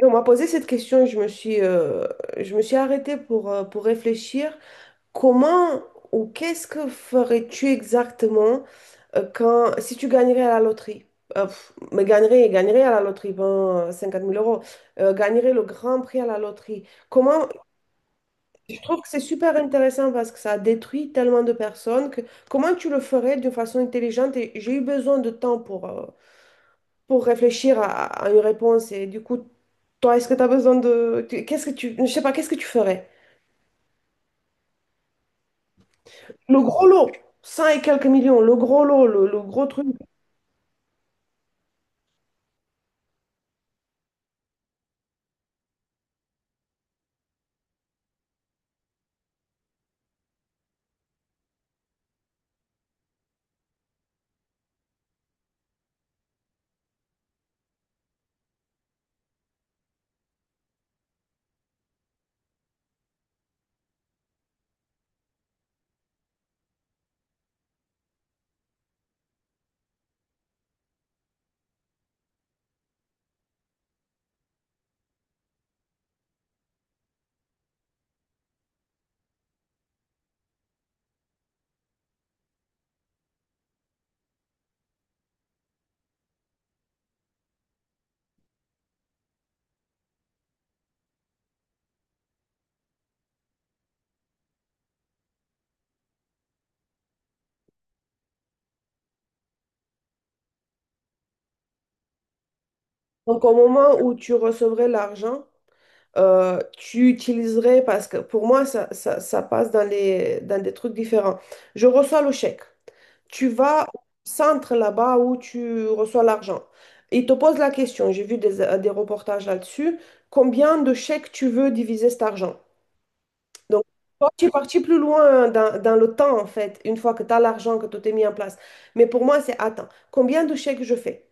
Et on m'a posé cette question et je me suis arrêtée pour réfléchir. Comment Ou qu'est-ce que ferais-tu exactement, quand, si tu gagnerais à la loterie? Mais gagnerais à la loterie, ben, 50 000 euros. Gagnerais le grand prix à la loterie. Je trouve que c'est super intéressant parce que ça détruit tellement de personnes que comment tu le ferais d'une façon intelligente? Et j'ai eu besoin de temps pour réfléchir à une réponse. Et du coup, toi, est-ce que tu as besoin de… Qu'est-ce que tu… Je sais pas, qu'est-ce que tu ferais? Le gros lot, 100 et quelques millions, le gros lot, le gros truc. Donc, au moment où tu recevrais l'argent, tu utiliserais… Parce que pour moi, ça passe dans des trucs différents. Je reçois le chèque. Tu vas au centre là-bas où tu reçois l'argent. Ils te posent la question, j'ai vu des reportages là-dessus, combien de chèques tu veux diviser cet argent? Donc, toi, tu es parti plus loin dans le temps, en fait, une fois que tu as l'argent, que tout est mis en place. Mais pour moi, c'est, attends, combien de chèques je fais?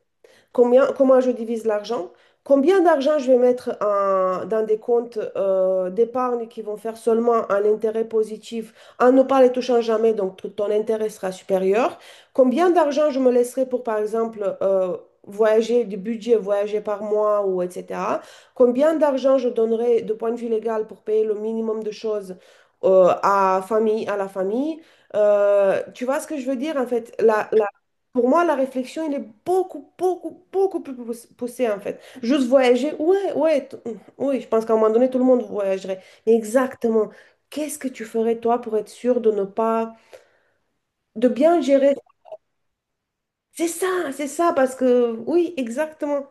Comment je divise l'argent, combien d'argent je vais mettre dans des comptes d'épargne qui vont faire seulement un intérêt positif en ne pas les touchant jamais, donc ton intérêt sera supérieur. Combien d'argent je me laisserai pour, par exemple, voyager, du budget, voyager par mois ou etc. Combien d'argent je donnerai de point de vue légal pour payer le minimum de choses, à la famille. Tu vois ce que je veux dire? En fait, pour moi, la réflexion, elle est beaucoup, beaucoup, beaucoup plus poussée, en fait. Juste voyager, ouais, ouais, oui, je pense qu'à un moment donné, tout le monde voyagerait. Mais exactement, qu'est-ce que tu ferais, toi, pour être sûr de ne pas, de bien gérer? C'est ça, parce que, oui, exactement.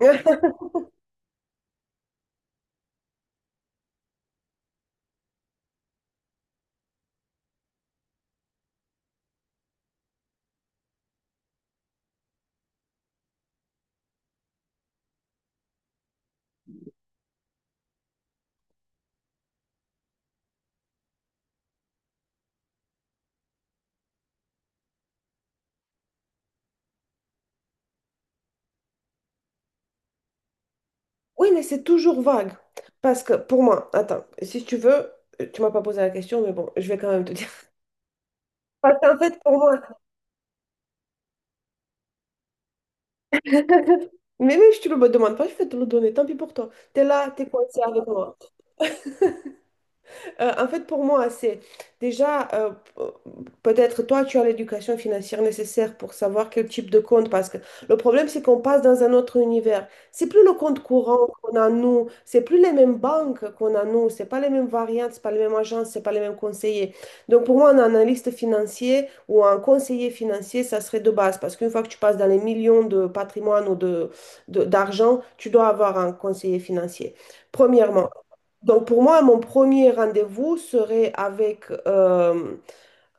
Oui, mais c'est toujours vague. Parce que, pour moi, attends, si tu veux, tu m'as pas posé la question, mais bon, je vais quand même te dire. Parce qu'en fait, pour moi, mais même si tu le me demandes pas, je vais te le donner, tant pis pour toi. T'es là, t'es coincé avec moi. En fait, pour moi, c'est déjà, peut-être toi, tu as l'éducation financière nécessaire pour savoir quel type de compte, parce que le problème, c'est qu'on passe dans un autre univers. C'est plus le compte courant qu'on a, nous, c'est plus les mêmes banques qu'on a, nous, c'est pas les mêmes variantes, c'est pas les mêmes agences, c'est pas les mêmes conseillers. Donc, pour moi, un analyste financier ou un conseiller financier, ça serait de base, parce qu'une fois que tu passes dans les millions de patrimoine ou d'argent, tu dois avoir un conseiller financier. Premièrement. Donc pour moi, mon premier rendez-vous serait avec euh,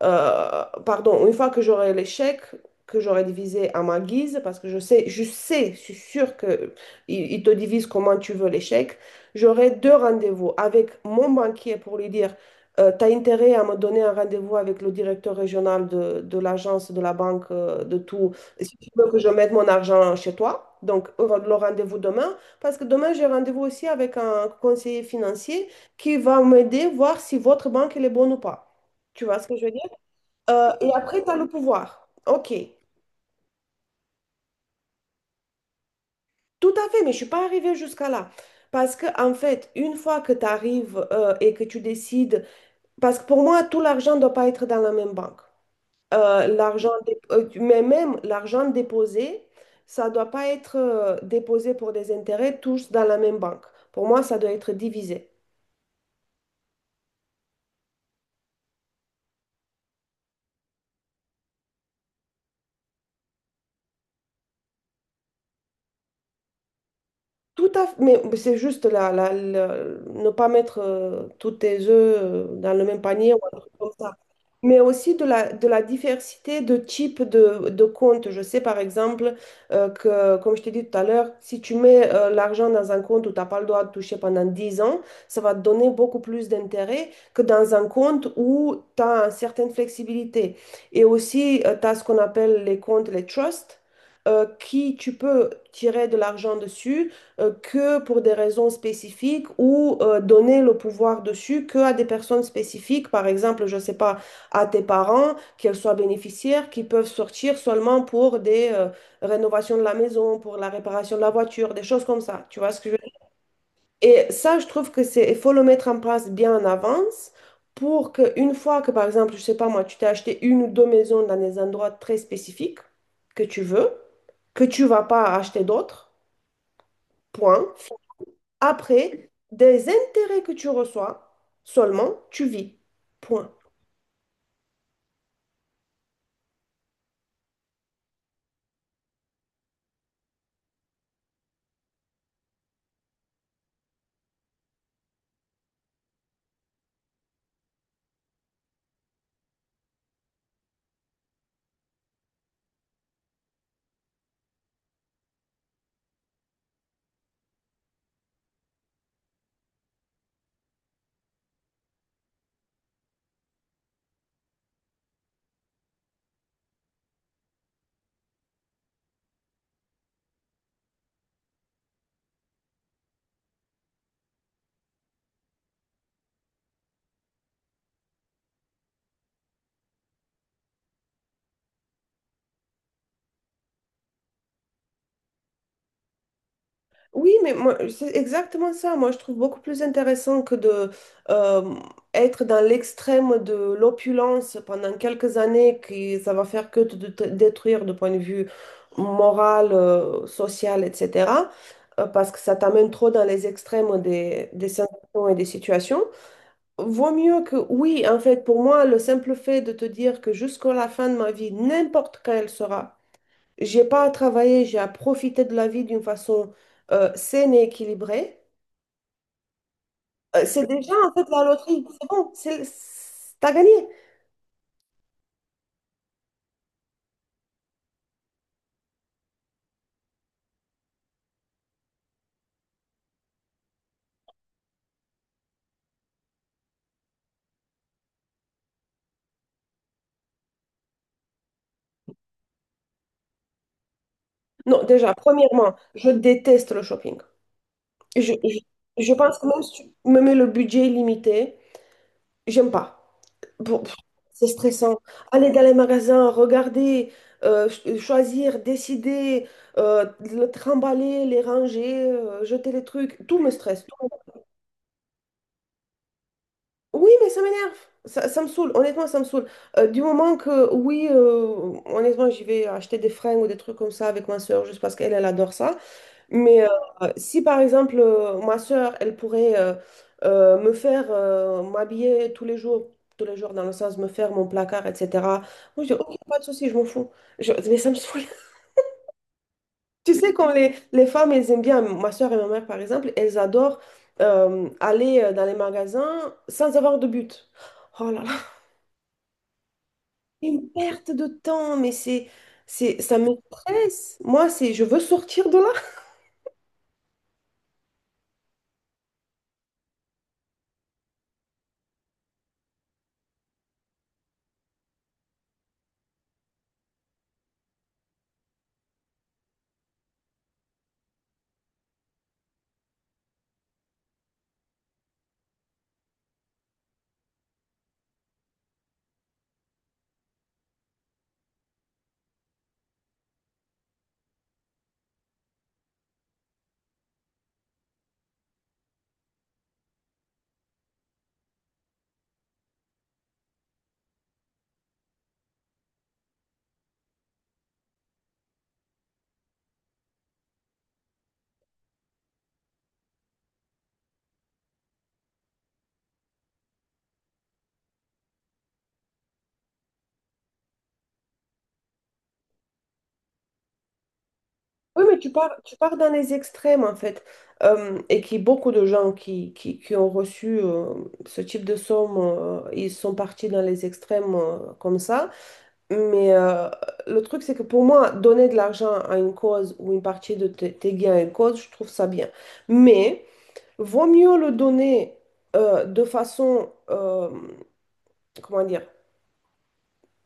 euh, pardon, une fois que j'aurai l'échec que j'aurai divisé à ma guise, parce que je sais, je sais, je suis sûre que il ils te divise comment tu veux l'échec. J'aurai deux rendez-vous avec mon banquier pour lui dire, t'as intérêt à me donner un rendez-vous avec le directeur régional de l'agence, de la banque, de tout, si tu veux que je mette mon argent chez toi. Donc, le rendez-vous demain, parce que demain, j'ai rendez-vous aussi avec un conseiller financier qui va m'aider voir si votre banque elle est bonne ou pas. Tu vois ce que je veux dire? Et après, tu as le pouvoir. OK, tout à fait, mais je suis pas arrivée jusqu'à là. Parce que, en fait, une fois que tu arrives, et que tu décides, parce que pour moi, tout l'argent ne doit pas être dans la même banque. L'argent, mais même l'argent déposé, ça ne doit pas être, déposé pour des intérêts tous dans la même banque. Pour moi, ça doit être divisé. Tout à fait, mais c'est juste ne pas mettre, tous tes œufs, dans le même panier ou un truc comme ça. Mais aussi de la diversité de types de comptes. Je sais par exemple, que, comme je t'ai dit tout à l'heure, si tu mets, l'argent dans un compte où tu n'as pas le droit de toucher pendant 10 ans, ça va te donner beaucoup plus d'intérêt que dans un compte où tu as une certaine flexibilité. Et aussi, tu as ce qu'on appelle les comptes, les trusts, qui tu peux tirer de l'argent dessus, que pour des raisons spécifiques ou, donner le pouvoir dessus que à des personnes spécifiques, par exemple, je sais pas, à tes parents, qu'elles soient bénéficiaires, qui peuvent sortir seulement pour des, rénovations de la maison, pour la réparation de la voiture, des choses comme ça. Tu vois ce que je veux dire? Et ça, je trouve que c'est, il faut le mettre en place bien en avance. Pour qu'une fois que, par exemple, je sais pas moi, tu t'es acheté une ou deux maisons dans des endroits très spécifiques que tu veux, que tu vas pas acheter d'autres, point, après, des intérêts que tu reçois, seulement tu vis. Point. Oui, mais moi, c'est exactement ça. Moi, je trouve beaucoup plus intéressant que de, euh, être dans l'extrême de l'opulence pendant quelques années, qui ça va faire que de te détruire de point de vue moral, social, etc. Parce que ça t'amène trop dans les extrêmes des sensations et des situations. Vaut mieux que oui, en fait, pour moi, le simple fait de te dire que jusqu'à la fin de ma vie, n'importe quand elle sera, j'ai pas à travailler, j'ai à profiter de la vie d'une façon, saine et équilibrée, c'est déjà en fait la loterie, c'est bon, t'as gagné. Non, déjà, premièrement, je déteste le shopping. Je, je, je pense que même si tu me mets le budget limité, j'aime pas. Bon, c'est stressant. Aller dans les magasins, regarder, choisir, décider, le trimballer, les ranger, jeter les trucs, tout me stresse. Tout Oui, mais ça m'énerve. Ça me saoule. Honnêtement, ça me saoule. Du moment que, oui, honnêtement, j'y vais acheter des fringues ou des trucs comme ça avec ma soeur juste parce qu'elle, elle adore ça. Mais si par exemple, ma sœur, elle pourrait, me faire, m'habiller tous les jours dans le sens me faire mon placard, etc. Moi je dis ok, pas de souci, je m'en fous. Mais ça me saoule. Tu sais, comme les femmes, elles aiment bien, ma sœur et ma mère par exemple, elles adorent, aller, dans les magasins sans avoir de but. Oh là là, une perte de temps, mais ça me stresse. Moi, je veux sortir de là. Oui, mais tu pars dans les extrêmes, en fait. Et qui beaucoup de gens qui ont reçu, ce type de somme, ils sont partis dans les extrêmes, comme ça. Mais le truc, c'est que pour moi, donner de l'argent à une cause ou une partie de tes gains à une cause, je trouve ça bien. Mais vaut mieux le donner, de façon, comment dire,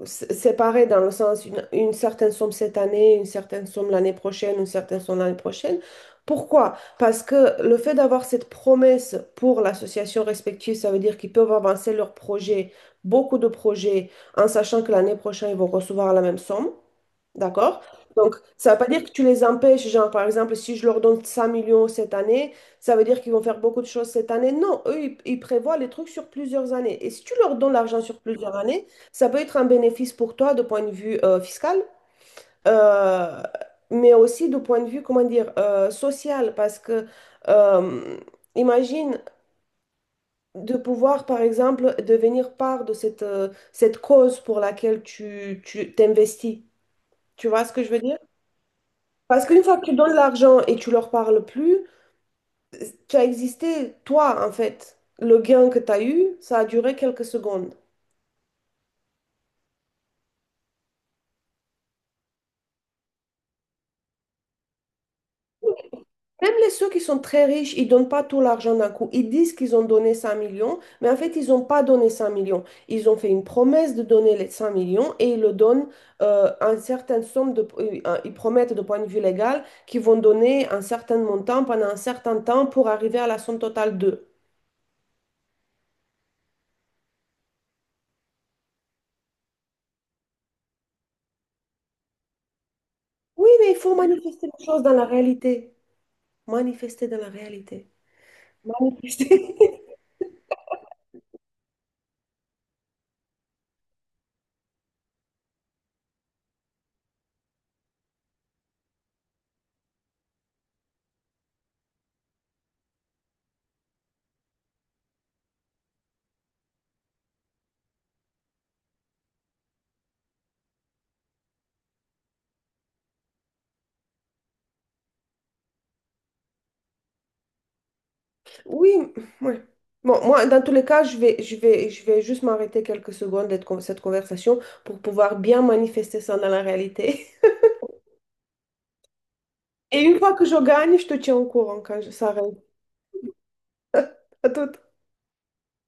séparés dans le sens une certaine somme cette année, une certaine somme l'année prochaine, une certaine somme l'année prochaine. Pourquoi? Parce que le fait d'avoir cette promesse pour l'association respective, ça veut dire qu'ils peuvent avancer leurs projets, beaucoup de projets, en sachant que l'année prochaine, ils vont recevoir la même somme. D'accord? Donc, ça ne veut pas dire que tu les empêches, genre, par exemple, si je leur donne 100 millions cette année, ça veut dire qu'ils vont faire beaucoup de choses cette année. Non, eux, ils prévoient les trucs sur plusieurs années. Et si tu leur donnes l'argent sur plusieurs années, ça peut être un bénéfice pour toi de point de vue, fiscal, euh, mais aussi de point de vue, comment dire, social, parce que, euh, imagine de pouvoir, par exemple, devenir part de cette cause pour laquelle tu t'investis. Tu vois ce que je veux dire? Parce qu'une fois que tu donnes l'argent et tu leur parles plus, tu as existé toi en fait. Le gain que tu as eu, ça a duré quelques secondes. Même les ceux qui sont très riches, ils donnent pas tout l'argent d'un coup. Ils disent qu'ils ont donné 5 millions, mais en fait, ils n'ont pas donné 5 millions. Ils ont fait une promesse de donner les 5 millions et ils le donnent, une certaine somme, ils promettent de point de vue légal qu'ils vont donner un certain montant pendant un certain temps pour arriver à la somme totale de. Oui, mais il faut manifester les choses dans la réalité. Manifester dans la réalité. Manifester. Oui, ouais. Bon, moi, dans tous les cas, je vais juste m'arrêter quelques secondes de cette conversation pour pouvoir bien manifester ça dans la réalité. Et une fois que je gagne, je te tiens au courant quand ça arrive. À tout.